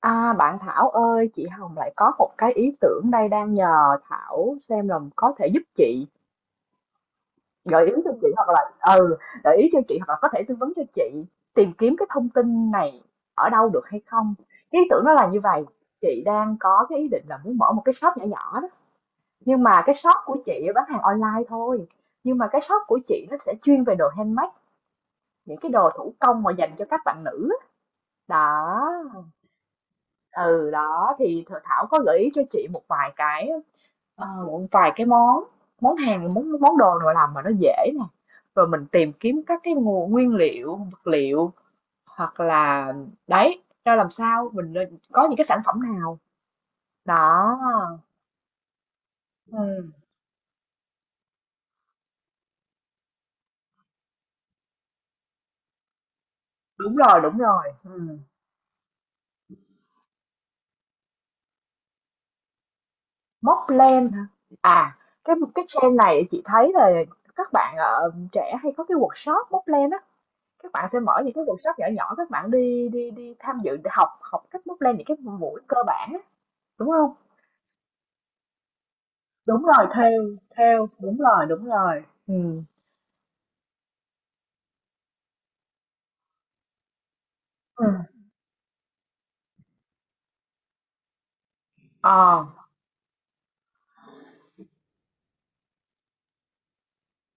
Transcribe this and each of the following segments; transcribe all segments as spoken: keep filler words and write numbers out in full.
À, bạn Thảo ơi, chị Hồng lại có một cái ý tưởng đây đang nhờ Thảo xem là có thể giúp chị gợi ý cho chị hoặc là ừ, gợi ý cho chị hoặc là có thể tư vấn cho chị tìm kiếm cái thông tin này ở đâu được hay không. Cái ý tưởng đó là như vậy, chị đang có cái ý định là muốn mở một cái shop nhỏ nhỏ đó, nhưng mà cái shop của chị bán hàng online thôi. Nhưng mà cái shop của chị nó sẽ chuyên về đồ handmade, những cái đồ thủ công mà dành cho các bạn nữ á. Đó. Ừ đó thì Thảo có gợi ý cho chị một vài cái Ờ, một vài cái món món hàng món món đồ nào làm mà nó dễ nè rồi mình tìm kiếm các cái nguồn nguyên liệu vật liệu hoặc là đấy ra làm sao mình nên có những cái sản phẩm nào đó. Ừ. Đúng rồi, đúng rồi, ừ. Móc len hả? À, cái cái trend này chị thấy là các bạn ờ, trẻ hay có cái workshop móc len á. Các bạn sẽ mở những cái workshop nhỏ nhỏ, các bạn đi đi đi tham dự học học cách móc len những cái buổi cơ bản á, đúng không? Đúng rồi, theo, theo, đúng rồi, đúng rồi. Ừ, ừ, ờ,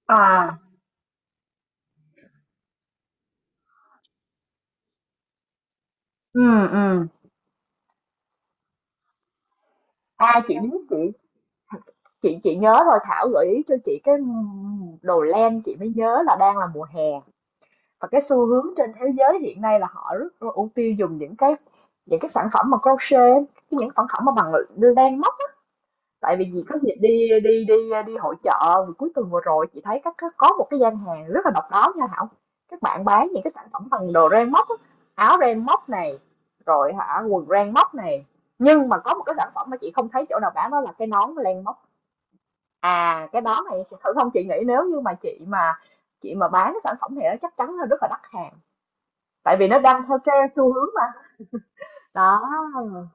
à, ừ, ừ. À, chị biết chị chị chị nhớ rồi, Thảo gợi ý cho chị cái đồ len chị mới nhớ là đang là mùa hè và cái xu hướng trên thế giới hiện nay là họ rất ưu tiên dùng những cái những cái sản phẩm mà crochet, những sản phẩm mà bằng len. Tại vì chị có dịp đi đi đi đi hội chợ cuối tuần vừa rồi, chị thấy các các- có một cái gian hàng rất là độc đáo nha Thảo. Các bạn bán những cái sản phẩm bằng đồ ren móc á, áo ren móc này rồi hả quần ren móc này, nhưng mà có một cái sản phẩm mà chị không thấy chỗ nào bán đó là cái nón len móc. À cái đó này chị thử không, chị nghĩ nếu như mà chị mà chị mà bán cái sản phẩm này nó chắc chắn là rất là đắt hàng, tại vì nó đang theo trend xu hướng mà. Đó. Ừ,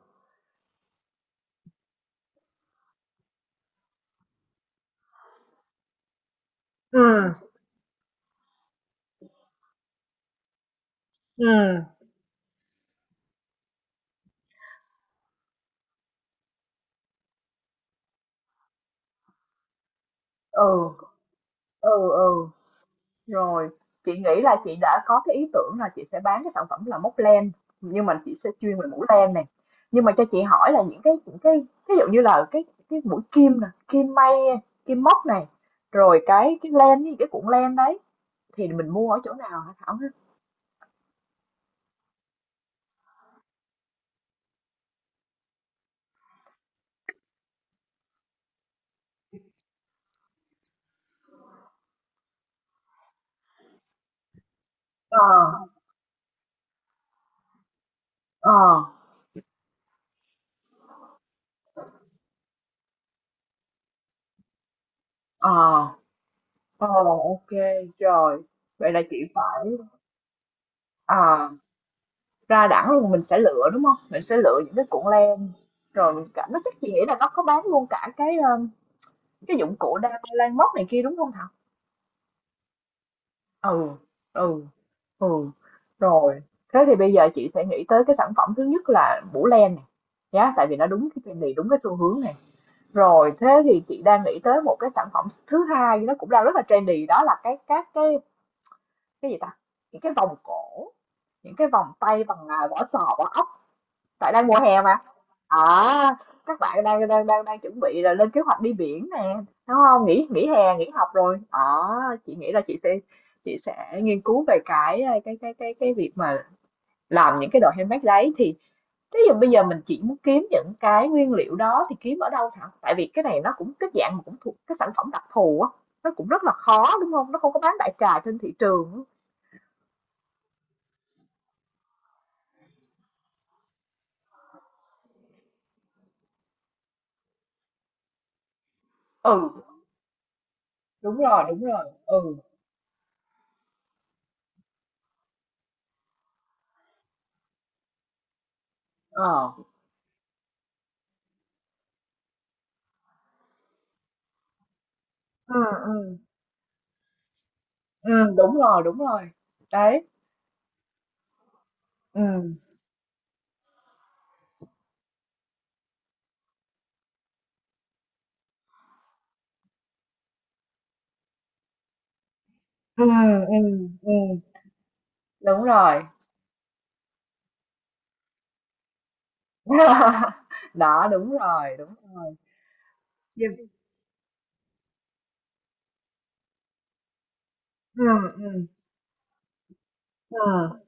ừ, ừ, ừ, ừ. Rồi, chị nghĩ là chị đã có cái ý tưởng là chị sẽ bán cái sản phẩm là móc len, nhưng mà chị sẽ chuyên về mũ len này. Nhưng mà cho chị hỏi là những cái những cái ví dụ như là cái cái mũi kim nè, kim may, kim móc này rồi cái cái len với cái cuộn len đấy thì mình mua ở chỗ nào hả Thảo ha? Ờ, ờ, ờ, ờ, ok, rồi. Vậy là chị phải, à, ra đẳng luôn mình sẽ lựa đúng không? Mình sẽ lựa những cái cuộn len rồi mình cả nó chắc chị nghĩ là nó có bán luôn cả cái, ờ, cái dụng cụ đa lan móc này kia, đúng không Thảo? Ừ, ừ, ừ, rồi. Thế thì bây giờ chị sẽ nghĩ tới cái sản phẩm thứ nhất là mũ len này nhá, tại vì nó đúng cái trendy, đúng cái xu hướng này. Rồi, thế thì chị đang nghĩ tới một cái sản phẩm thứ hai nó cũng đang rất là trendy, đó là cái các cái cái gì ta? Những cái vòng cổ, những cái vòng tay bằng, à, vỏ sò, vỏ ốc. Tại đang mùa hè mà. À, các bạn đang đang đang đang chuẩn bị là lên kế hoạch đi biển nè, đúng không, nghỉ nghỉ hè nghỉ học rồi, à, chị nghĩ là chị sẽ chị sẽ nghiên cứu về cái cái cái cái cái việc mà làm những cái đồ handmade đấy thì thế giờ bây giờ mình chỉ muốn kiếm những cái nguyên liệu đó thì kiếm ở đâu hả, tại vì cái này nó cũng cái dạng mà cũng thuộc cái sản phẩm đặc thù á, nó cũng rất là khó đúng không, nó không có bán đại trà trên thị trường á. Ừ, đúng rồi, đúng rồi, ừ, ờ, ừ, ừ, ừ, đúng rồi, đúng rồi. Đấy, ừ, ừ, ừ, ừm, đúng rồi. Đó, đúng rồi, đúng rồi. Nhưng ừ, ừ, ừ,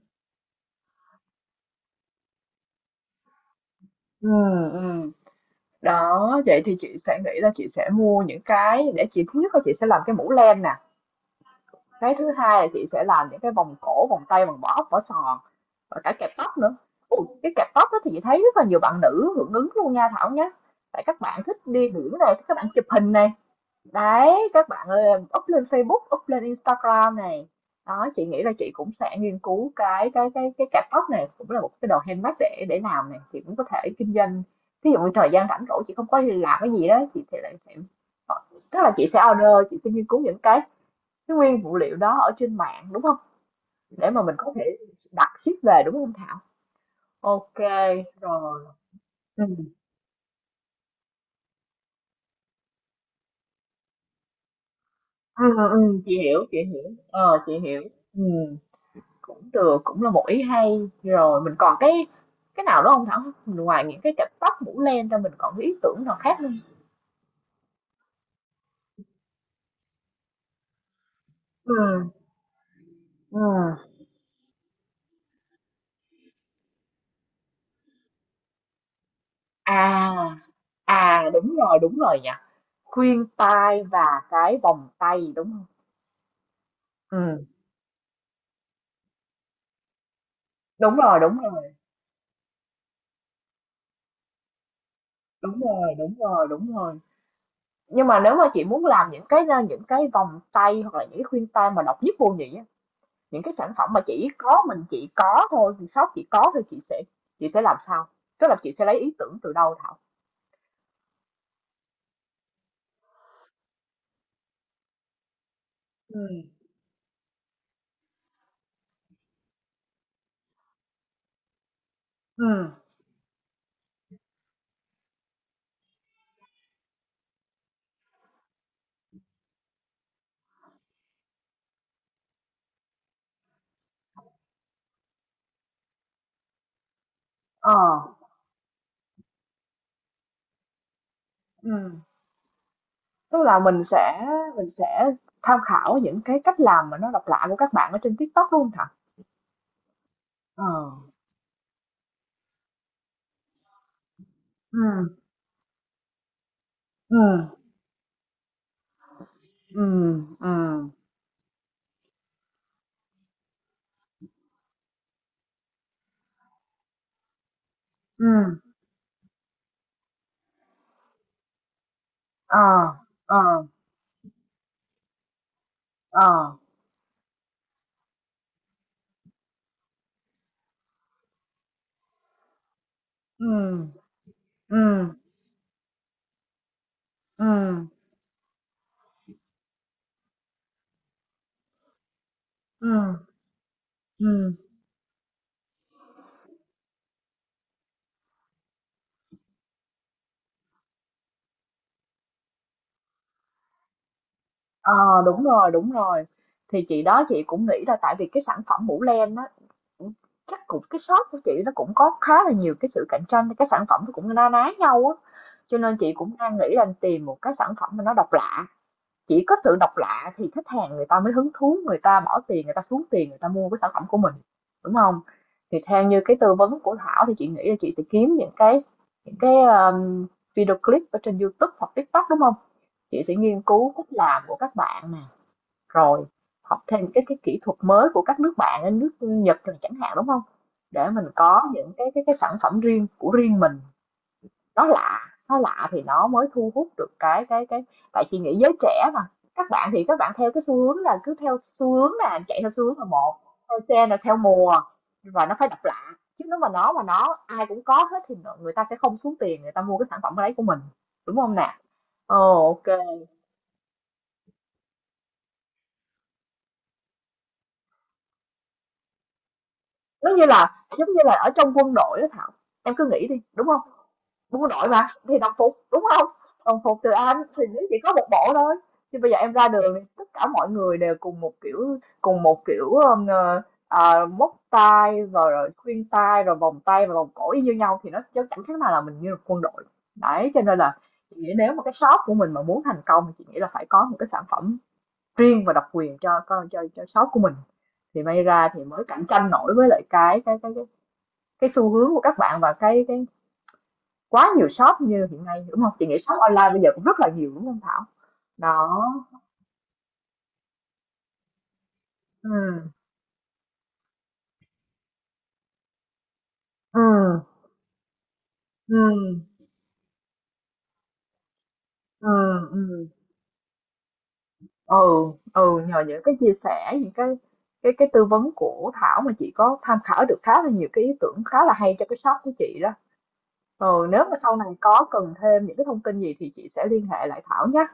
ừm, ừm. Đó, vậy thì chị sẽ nghĩ là chị sẽ mua những cái để chị, thứ nhất là chị sẽ làm cái mũ len nè, cái thứ hai là chị sẽ làm những cái vòng cổ, vòng tay, vòng bỏ ốc, vỏ sò và cả kẹp tóc nữa. Ồ, cái kẹp tóc đó thì chị thấy rất là nhiều bạn nữ hưởng ứng luôn nha Thảo nhá. Tại các bạn thích đi biển này, các bạn chụp hình này. Đấy, các bạn ơi, em up lên Facebook, up lên Instagram này. Đó, chị nghĩ là chị cũng sẽ nghiên cứu cái cái cái cái cạp tóc này cũng là một cái đồ handmade để để làm này, chị cũng có thể kinh doanh. Ví dụ như thời gian rảnh rỗi chị không có làm cái gì đó, chị thì lại sẽ, ờ, tức là chị sẽ order, chị sẽ nghiên cứu những cái cái nguyên phụ liệu đó ở trên mạng đúng không? Để mà mình có thể đặt ship về đúng không Thảo? Ok, rồi. Ừ. Ừ, ừ, ừ, chị hiểu, chị hiểu. Ờ, chị hiểu. Ừ. Cũng được, cũng là một ý hay. Rồi mình còn cái cái nào đó không Thảo? Ngoài những cái cặp tóc, mũ len ra mình còn cái ý tưởng nào khác không? Ừm, ừm. À, à, đúng rồi, đúng rồi nhỉ, khuyên tai và cái vòng tay, đúng không? Ừm. Đúng rồi, đúng rồi, đúng rồi, đúng rồi, đúng rồi. Nhưng mà nếu mà chị muốn làm những cái, a, những cái vòng tay hoặc là những cái khuyên tai mà độc nhất vô nhị á, những cái sản phẩm mà chỉ có mình chị có thôi, thì shop chị có thôi, chị sẽ chị sẽ làm sao? Tức là chị sẽ lấy ý tưởng từ đâu Thảo? Ừ, ừ, ờ, ừ, tức là mình sẽ mình sẽ tham khảo những cái cách làm mà nó độc lạ của các bạn ở trên TikTok đúng không Thảo? Ờ. Ừ, ừ, ừ, ừ, ừ, ờ, ờ, ờ, ừ, ừ, ừ, ừ, ừ. Ờ, đúng rồi, đúng rồi. Thì chị đó chị cũng nghĩ là tại vì cái sản phẩm mũ len á cũng- chắc cũng cái shop của chị nó cũng có khá là nhiều cái sự cạnh tranh, cái sản phẩm nó cũng na ná nhau á, cho nên chị cũng đang nghĩ là tìm một cái sản phẩm mà nó độc lạ, chỉ có sự độc lạ thì khách hàng người ta mới hứng thú, người ta bỏ tiền, người ta xuống tiền, người ta mua cái sản phẩm của mình, đúng không? Thì theo như cái tư vấn của Thảo thì chị nghĩ là chị sẽ kiếm những cái những cái, ờm, video clip ở trên YouTube hoặc TikTok, đúng không? Chị sẽ nghiên cứu cách làm của các bạn nè, rồi học thêm cái cái kỹ thuật mới của các nước bạn nước Nhật rồi chẳng hạn, đúng không? Để mình có những cái cái cái sản phẩm riêng của riêng mình, nó lạ, nó lạ thì nó mới thu hút được cái cái cái, tại chị nghĩ giới trẻ mà, các bạn thì các bạn theo cái xu hướng là cứ theo xu hướng là chạy theo xu hướng là một, theo trend là theo mùa và nó phải độc lạ, chứ nếu mà nó mà nó ai cũng có hết thì người ta sẽ không xuống tiền người ta mua cái sản phẩm đấy của mình, đúng không nè? Ồ ok, giống như là giống như là ở trong quân đội đó Thảo, em cứ nghĩ đi đúng không? Đúng rồi mà, thì đồng phục, đúng không? Đồng phục từ anh thì nó chỉ có một bộ thôi, nhưng bây giờ em ra đường thì tất cả mọi người đều cùng một kiểu cùng một kiểu, ờm, ờ, ờ, móc tay rồi rồi khuyên tai, rồi vòng tay và vòng cổ y như nhau thì nó chớ chẳng khác nào là mình như là quân đội. Đấy, cho nên là chị nghĩ nếu mà cái shop của mình mà muốn thành công thì chị nghĩ là phải có một cái sản phẩm riêng và độc quyền cho cho cho cho shop của mình, thì may ra thì mới cạnh tranh nổi với lại cái cái cái cái cái xu hướng của các bạn và cái cái quá nhiều shop như hiện nay, đúng không? Chị nghĩ shop online bây giờ cũng rất là nhiều, đúng không Thảo? Đó, ừm, ừm, ừm, ừm, ừm, ừ, ừ, nhờ những cái chia sẻ, những cái cái cái tư vấn của Thảo mà chị có tham khảo được khá là nhiều cái ý tưởng khá là hay cho cái shop của chị đó. Ừ, nếu mà sau này có cần thêm những cái thông tin gì thì chị sẽ liên hệ lại Thảo nhé.